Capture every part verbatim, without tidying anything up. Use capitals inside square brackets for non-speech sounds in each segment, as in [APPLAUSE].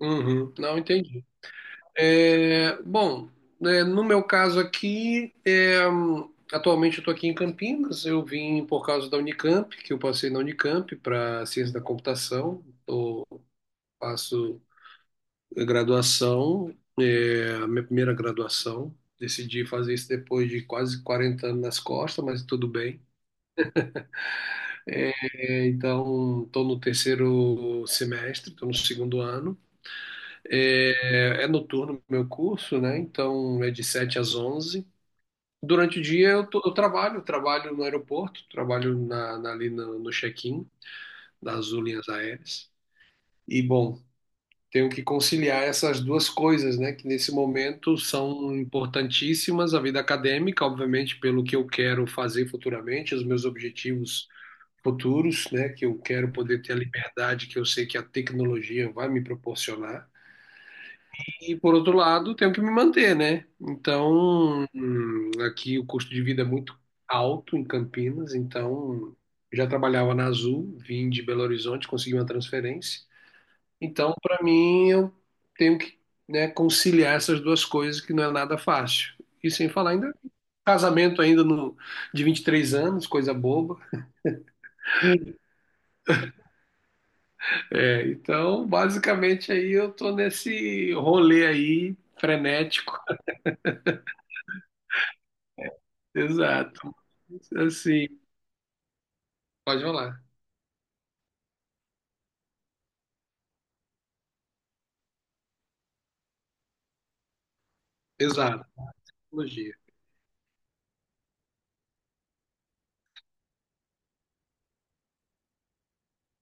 Uhum, não entendi. É, bom, é, no meu caso aqui, é, atualmente eu estou aqui em Campinas. Eu vim por causa da Unicamp, que eu passei na Unicamp para ciência da computação. Eu faço graduação, é, a minha primeira graduação. Decidi fazer isso depois de quase quarenta anos nas costas, mas tudo bem. É, então, estou no terceiro semestre, estou no segundo ano. É, é noturno o meu curso, né? Então é de sete às onze. Durante o dia eu, tô- eu trabalho, trabalho no aeroporto, trabalho na, na- ali no, no check-in das Azul Linhas Aéreas. E, bom, tenho que conciliar essas duas coisas, né? Que nesse momento são importantíssimas, a vida acadêmica, obviamente, pelo que eu quero fazer futuramente, os meus objetivos futuros, né? Que eu quero poder ter a liberdade que eu sei que a tecnologia vai me proporcionar. E por outro lado, tenho que me manter, né? Então, hum, aqui o custo de vida é muito alto em Campinas, então já trabalhava na Azul, vim de Belo Horizonte, consegui uma transferência. Então, para mim, eu tenho que, né, conciliar essas duas coisas que não é nada fácil. E sem falar ainda casamento ainda no, de vinte e três anos, coisa boba. É, então, basicamente aí eu tô nesse rolê aí frenético. Exato. Assim, pode rolar. Exato, tecnologia.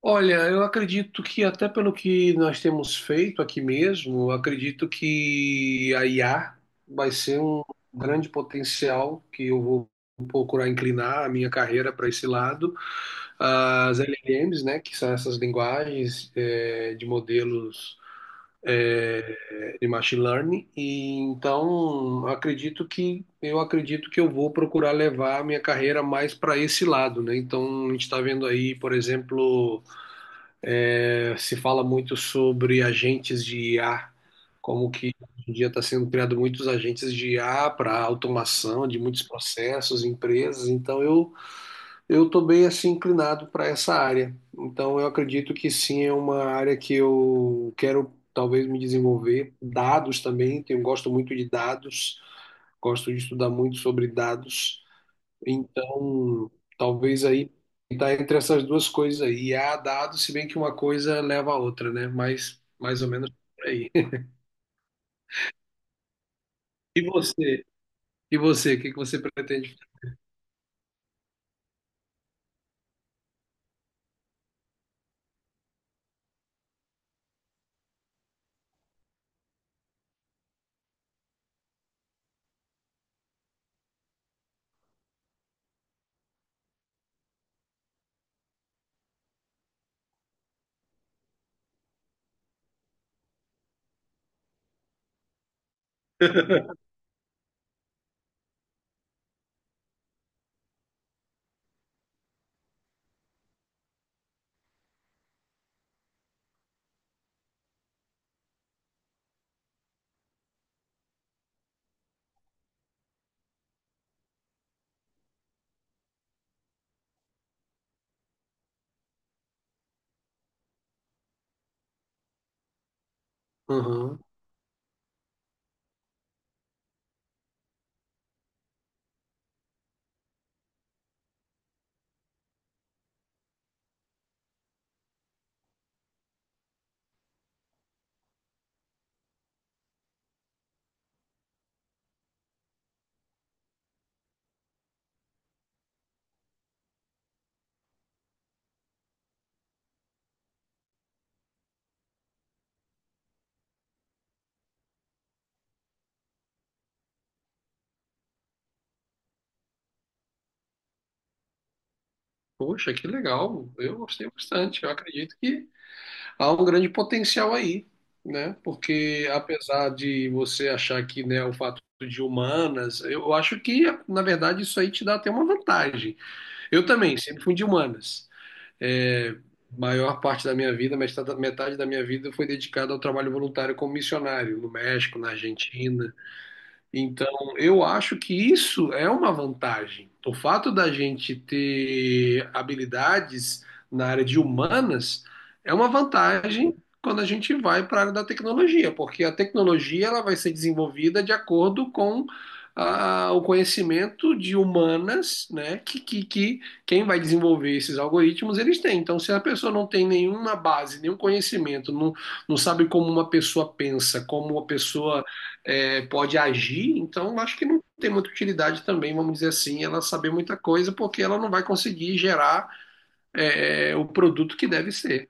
Olha, eu acredito que até pelo que nós temos feito aqui mesmo, eu acredito que a I A vai ser um grande potencial que eu vou procurar inclinar a minha carreira para esse lado. As L L Ms, né, que são essas linguagens eh, de modelos é, de machine learning. E então, acredito que eu acredito que eu vou procurar levar a minha carreira mais para esse lado, né? Então, a gente está vendo aí, por exemplo, se fala muito sobre agentes de I A, como que hoje em dia está sendo criado muitos agentes de I A para automação de muitos processos, empresas. Então eu eu estou bem assim inclinado para essa área. Então eu acredito que sim, é uma área que eu quero talvez me desenvolver. Dados também, tenho gosto muito de dados, gosto de estudar muito sobre dados. Então, talvez aí tá entre essas duas coisas aí. E há dado, se bem que uma coisa leva a outra, né? Mas mais ou menos por aí. [LAUGHS] E você? E você? O que que você pretende? Aham. Poxa, que legal. Eu gostei bastante. Eu acredito que há um grande potencial aí, né? Porque apesar de você achar que, né, o fato de humanas, eu acho que, na verdade, isso aí te dá até uma vantagem. Eu também sempre fui de humanas. é, Maior parte da minha vida, metade, metade da minha vida foi dedicada ao trabalho voluntário como missionário no México, na Argentina, então, eu acho que isso é uma vantagem. O fato da gente ter habilidades na área de humanas é uma vantagem quando a gente vai para a área da tecnologia, porque a tecnologia ela vai ser desenvolvida de acordo com ah, o conhecimento de humanas, né? Que, que, que quem vai desenvolver esses algoritmos eles têm. Então, se a pessoa não tem nenhuma base, nenhum conhecimento, não, não sabe como uma pessoa pensa, como uma pessoa é, pode agir, então acho que não tem muita utilidade também, vamos dizer assim, ela saber muita coisa, porque ela não vai conseguir gerar é, o produto que deve ser.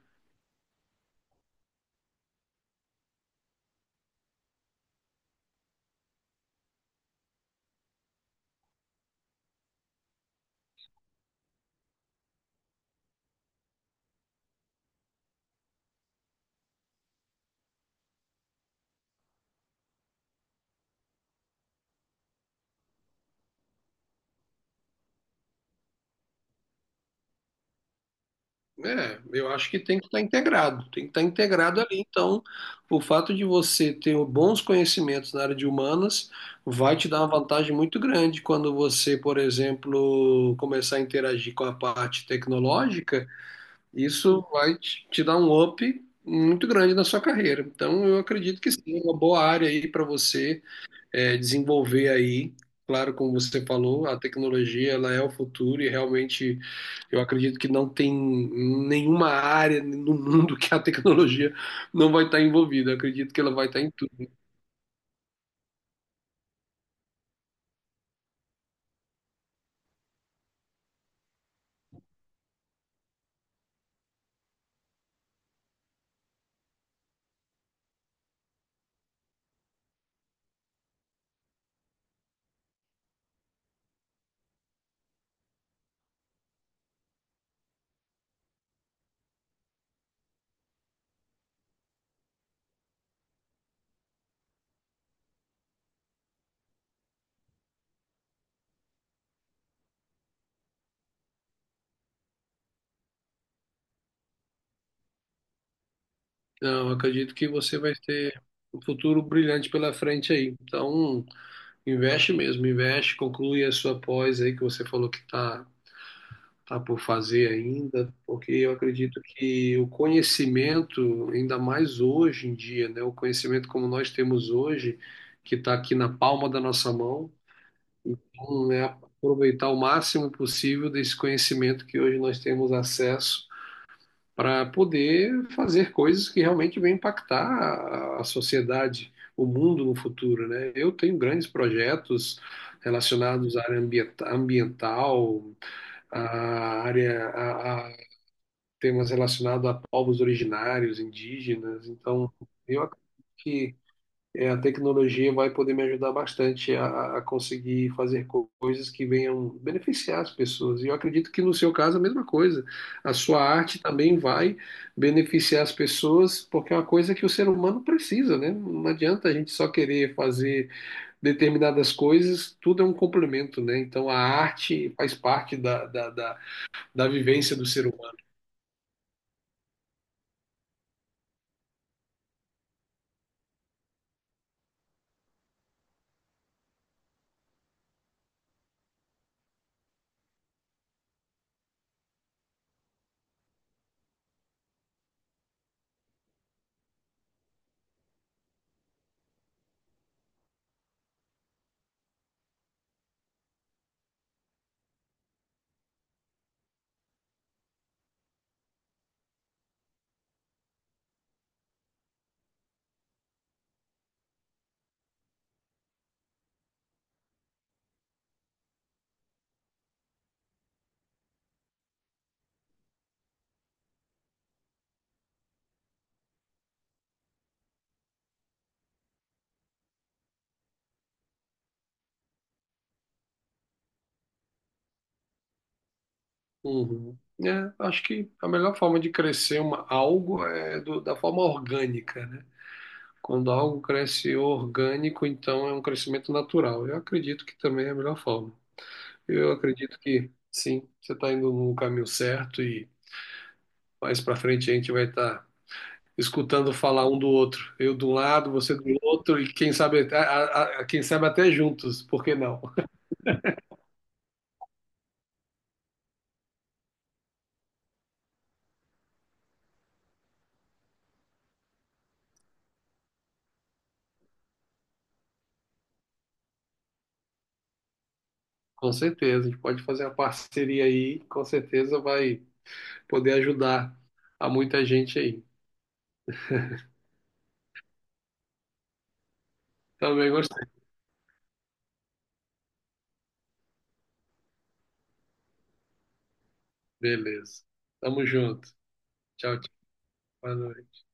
É, eu acho que tem que estar integrado, tem que estar integrado ali. Então, o fato de você ter bons conhecimentos na área de humanas vai te dar uma vantagem muito grande quando você, por exemplo, começar a interagir com a parte tecnológica. Isso vai te te dar um up muito grande na sua carreira. Então, eu acredito que sim, é uma boa área aí para você é, desenvolver aí. Claro, como você falou, a tecnologia ela é o futuro e realmente eu acredito que não tem nenhuma área no mundo que a tecnologia não vai estar envolvida. Eu acredito que ela vai estar em tudo. Não, eu acredito que você vai ter um futuro brilhante pela frente aí. Então, investe mesmo, investe, conclui a sua pós aí que você falou que está tá por fazer ainda, porque eu acredito que o conhecimento, ainda mais hoje em dia, né, o conhecimento como nós temos hoje, que está aqui na palma da nossa mão, então, é aproveitar o máximo possível desse conhecimento que hoje nós temos acesso para poder fazer coisas que realmente vão impactar a a sociedade, o mundo no futuro, né? Eu tenho grandes projetos relacionados à área ambienta- ambiental, a área, a, temas relacionados a povos originários, indígenas. Então, eu acredito que é, a tecnologia vai poder me ajudar bastante a, a conseguir fazer co- coisas que venham beneficiar as pessoas. E eu acredito que no seu caso a mesma coisa. A sua arte também vai beneficiar as pessoas, porque é uma coisa que o ser humano precisa, né? Não adianta a gente só querer fazer determinadas coisas, tudo é um complemento, né? Então a arte faz parte da, da, da, da vivência do ser humano. Uhum. É, acho que a melhor forma de crescer uma, algo é do- da forma orgânica, né? Quando algo cresce orgânico, então é um crescimento natural. Eu acredito que também é a melhor forma. Eu acredito que sim, você está indo no caminho certo e mais para frente a gente vai estar escutando falar um do outro. Eu de um lado, você do outro e quem sabe, até- a- a- a- quem sabe até juntos, por que não? Com certeza, a gente pode fazer uma parceria aí, com certeza vai poder ajudar a muita gente aí. Também gostei. Beleza. Tamo junto. Tchau, tchau. Boa noite.